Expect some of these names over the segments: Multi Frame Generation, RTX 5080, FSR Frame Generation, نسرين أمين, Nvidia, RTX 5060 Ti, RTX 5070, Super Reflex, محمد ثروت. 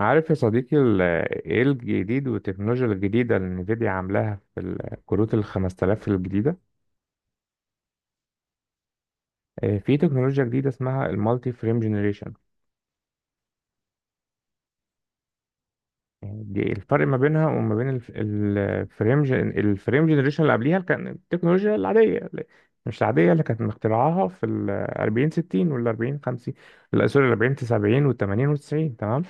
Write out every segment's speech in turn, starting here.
عارف يا صديقي، ايه الجديد والتكنولوجيا الجديدة اللي نفيديا عاملاها في الكروت ال 5000 الجديدة؟ في تكنولوجيا جديدة اسمها المالتي فريم جنريشن. دي الفرق ما بينها وما بين الفريم جنريشن اللي قبليها، اللي كان التكنولوجيا العادية، مش العادية اللي كانت مخترعاها في ال 40 60 وال 40 50، لا سوري، ال 40 70 وال 80 وال 90. تمام.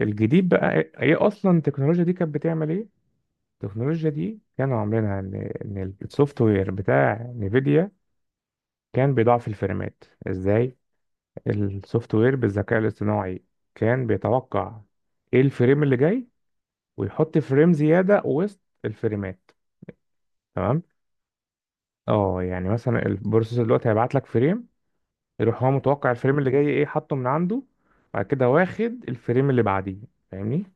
الجديد بقى إيه اصلا التكنولوجيا دي كانت بتعمل ايه؟ التكنولوجيا دي كانوا عاملينها ان السوفت وير بتاع نيفيديا كان بيضعف الفريمات ازاي. السوفت وير بالذكاء الاصطناعي كان بيتوقع ايه الفريم اللي جاي، ويحط فريم زيادة وسط الفريمات. تمام. اه، يعني مثلا البروسيسور دلوقتي هيبعت لك فريم، يروح هو متوقع الفريم اللي جاي ايه، حاطه من عنده. بعد كده واخد الفريم اللي بعديه. فاهمني؟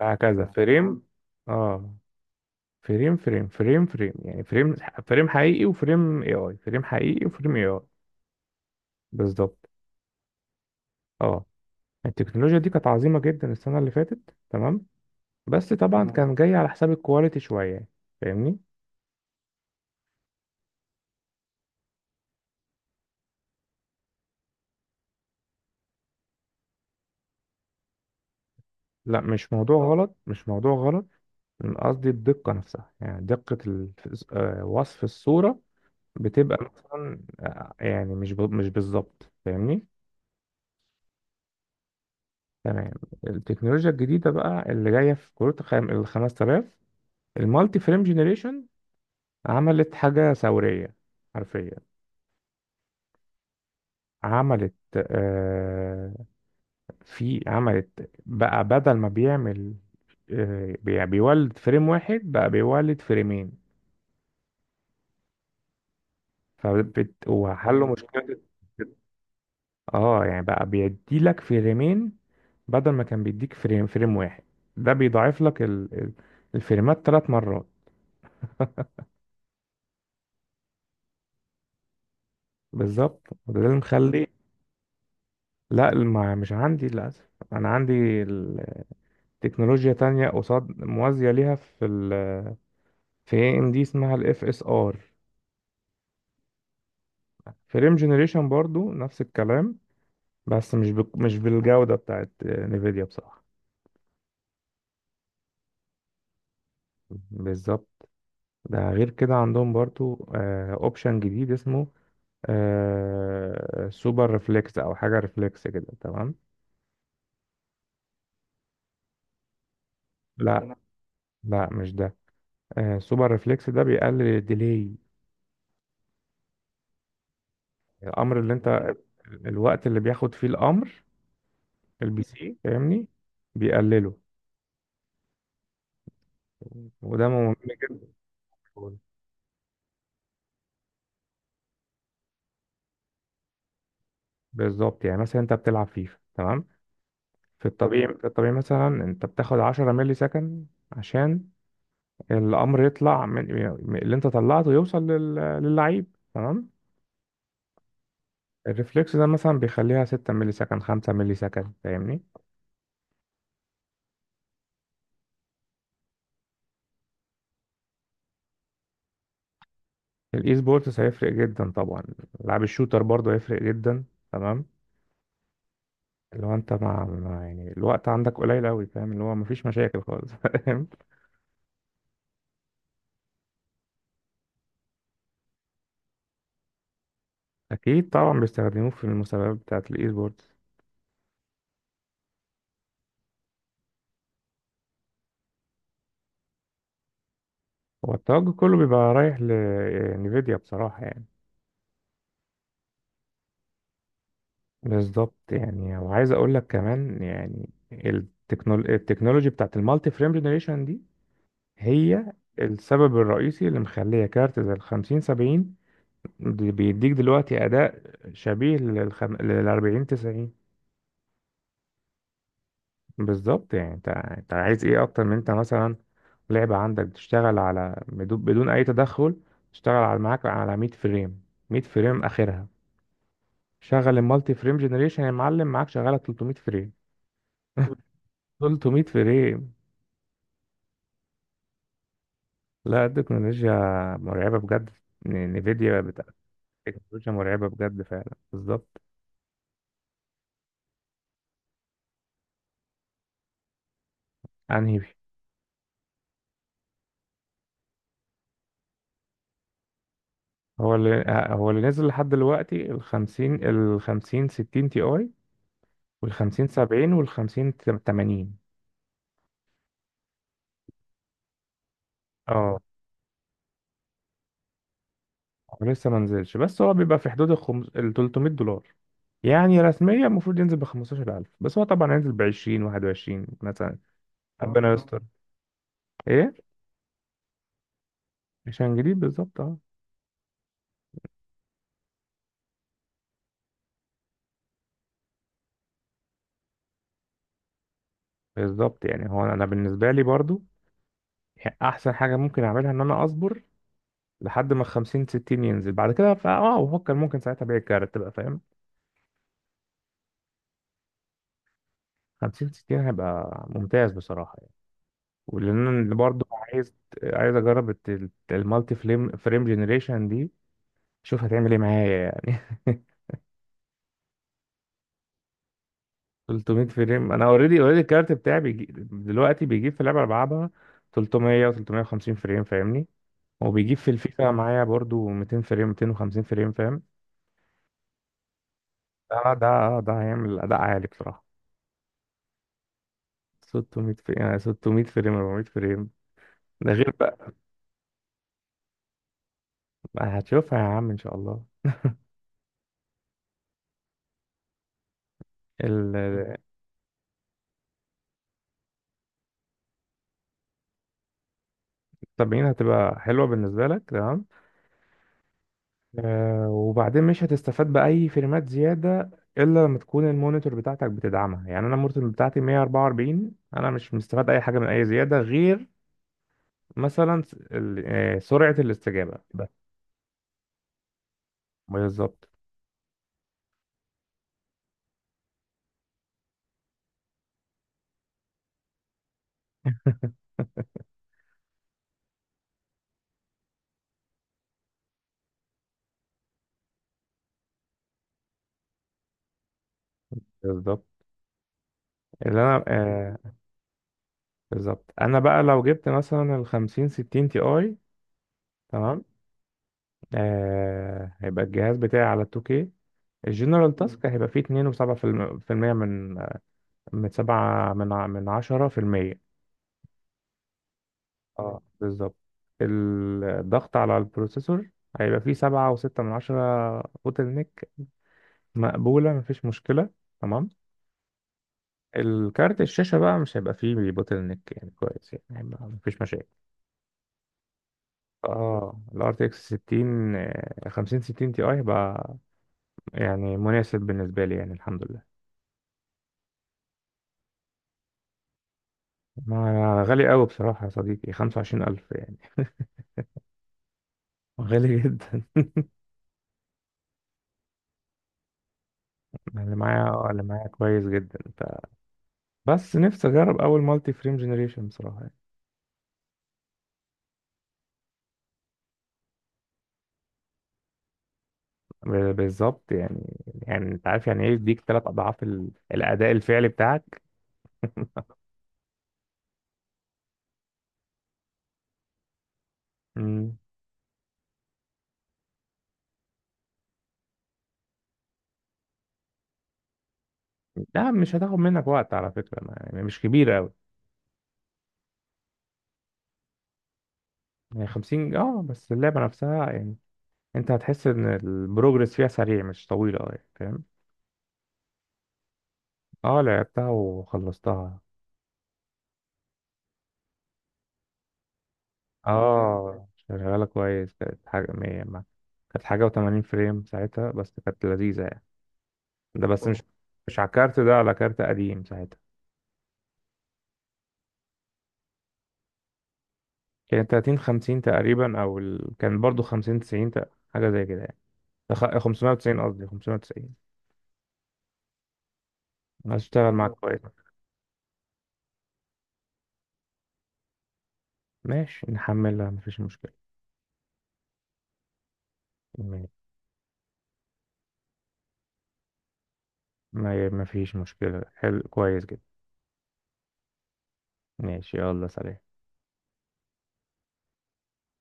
هكذا فريم. اه، فريم فريم فريم فريم، يعني فريم. فريم حقيقي وفريم اي اي، فريم حقيقي وفريم اي اي. بالظبط. اه، التكنولوجيا دي كانت عظيمة جدا السنة اللي فاتت. تمام. بس طبعا، كان جاي على حساب الكواليتي شوية. فاهمني؟ لا، مش موضوع، طب غلط، مش موضوع غلط. أنا قصدي الدقة نفسها، يعني دقة وصف الصورة بتبقى مثلا، يعني مش مش بالظبط. فاهمني؟ تمام. التكنولوجيا الجديدة بقى اللي جاية في كروت ال 5000، المالتي فريم جنريشن، عملت حاجة ثورية حرفيا. عملت آه في عملت بقى، بدل ما بيعمل، بيولد فريم واحد، بقى بيولد فريمين. فبت وحلوا مشكلة. اه، يعني بقى بيدي لك فريمين، بدل ما كان بيديك فريم واحد. ده بيضاعف لك الفريمات ثلاث مرات. بالظبط، وده اللي مخلي. لا، ما مش عندي للاسف، انا عندي تكنولوجيا تانية قصاد موازية ليها، في اي ام دي، اسمها الاف اس ار. فريم جنريشن برضو نفس الكلام، بس مش مش بالجودة بتاعت نيفيديا، بصراحة. بالظبط، ده غير كده عندهم برضو اوبشن جديد اسمه سوبر ريفلكس، او حاجة ريفلكس كده. تمام. لا، تمام. لا، مش ده. سوبر ريفلكس ده بيقلل الديلي. الامر اللي انت. تمام. الوقت اللي بياخد فيه الامر البي سي. فاهمني؟ بيقلله، وده مهم جدا. بالظبط، يعني مثلا انت بتلعب فيفا. تمام. في الطبيعي، مثلا انت بتاخد 10 ملي سكند عشان الامر يطلع من اللي انت طلعته، يوصل للعيب. تمام. الريفلكس ده مثلا بيخليها 6 ملي سكند، 5 ملي سكند. فاهمني؟ الاي سبورتس هيفرق جدا طبعا. لعب الشوتر برضه هيفرق جدا. تمام. اللي هو انت يعني الوقت عندك قليل قوي. فاهم؟ اللي هو مفيش مشاكل خالص فاهم. اكيد طبعا، بيستخدموه في المسابقات بتاعت الاي سبورتس. هو التوجه كله بيبقى رايح لنفيديا بصراحة، يعني. بالظبط، يعني وعايز أقول لك كمان، يعني التكنولوجي بتاعت المالتي فريم جنريشن دي، هي السبب الرئيسي اللي مخلية كارت زي الخمسين سبعين، بيديك دلوقتي أداء شبيه للأربعين تسعين. بالظبط، يعني أنت عايز إيه أكتر؟ من أنت مثلا، لعبة عندك بتشتغل على بدون أي تدخل، تشتغل على معاك على 100 فريم، 100 فريم آخرها. شغل المالتي فريم جنريشن يا معلم، معاك شغاله 300 فريم. 300 فريم. لا، التكنولوجيا مرعبه بجد. نفيديا بتاعت، التكنولوجيا مرعبه بجد فعلا. بالظبط. انهي؟ هو اللي نزل لحد دلوقتي ال 50، ال 50 60 تي اي، وال 50 70، وال 50 80. اه، هو لسه ما نزلش، بس هو بيبقى في حدود ال $300. يعني رسميا المفروض ينزل ب 15,000، بس هو طبعا هينزل ب 20، 21 مثلا. ربنا يستر. ايه، عشان جديد، بالظبط اه. بالظبط، يعني هو انا بالنسبه لي برضو، احسن حاجه ممكن اعملها ان انا اصبر لحد ما 50 60 ينزل. بعد كده فا اه بفكر، ممكن ساعتها ابيع الكارت بقى. فاهم؟ 50 60 هيبقى ممتاز بصراحه يعني. ولان أنا برضو عايز اجرب المالتي فريم جنريشن دي، اشوف هتعمل ايه معايا. يعني 300 فريم، انا اوريدي الكارت بتاعي بيجي دلوقتي، بيجيب في اللعبه اللي بلعبها 300 و350 فريم. فاهمني؟ وبيجيب في الفيفا معايا برضو 200 فريم، 250 فريم. فاهم؟ ده هيعمل اداء عالي بصراحه. 600 فريم، يعني 600 فريم، 400 فريم. ده غير بقى. هتشوفها يا عم ان شاء الله. ال 70 هتبقى حلوه بالنسبه لك. تمام. وبعدين مش هتستفاد بأي فريمات زيادة، إلا لما تكون المونيتور بتاعتك بتدعمها. يعني أنا المونيتور بتاعتي 144، أنا مش مستفاد أي حاجة من أي زيادة، غير مثلا سرعة الاستجابة بس. بالظبط. بالظبط، اللي أنا آه، بالظبط أنا بقى لو جبت مثلا ال 50 60 تي أي. تمام. هيبقى الجهاز بتاعي على ال 2K، الجنرال تاسك هيبقى فيه 2.7% من 7 من 10%. اه بالظبط. الضغط على البروسيسور هيبقى فيه سبعة وستة من عشرة بوتل نيك، مقبولة مفيش مشكلة. تمام. الكارت الشاشة بقى مش هيبقى فيه بوتل نيك، يعني كويس يعني هيبقى مفيش مشاكل. اه، ال RTX 60، 50 60 تي اي، هيبقى يعني مناسب بالنسبة لي يعني. الحمد لله. ما غالي قوي بصراحة يا صديقي، 25,000 يعني. غالي جدا. اللي معايا كويس جدا، بس نفسي اجرب اول مالتي فريم جنريشن بصراحة، يعني. بالظبط يعني، يعني انت عارف يعني ايه يديك ثلاث اضعاف الاداء الفعلي بتاعك. مم. لا مش هتاخد منك وقت على فكره، ما يعني مش كبيره قوي. يعني 50، بس اللعبه نفسها يعني، انت هتحس ان البروجرس فيها سريع، مش طويله اه يعني. فاهم؟ اه، لعبتها وخلصتها. اه، شغاله كويس، كانت حاجه 100 كانت حاجه و80 فريم ساعتها، بس كانت لذيذه يعني. ده بس مش على كارت، ده على كارت قديم ساعتها، كانت 30، 50 تقريبا، او كان برضو 50 90 حاجه زي كده يعني. 590 قصدي 590. هشتغل معاك، كويس. ماشي، نحملها مفيش مشكله. ماشي. ما فيش مشكله، حلو كويس جدا. ماشي، يلا سلام.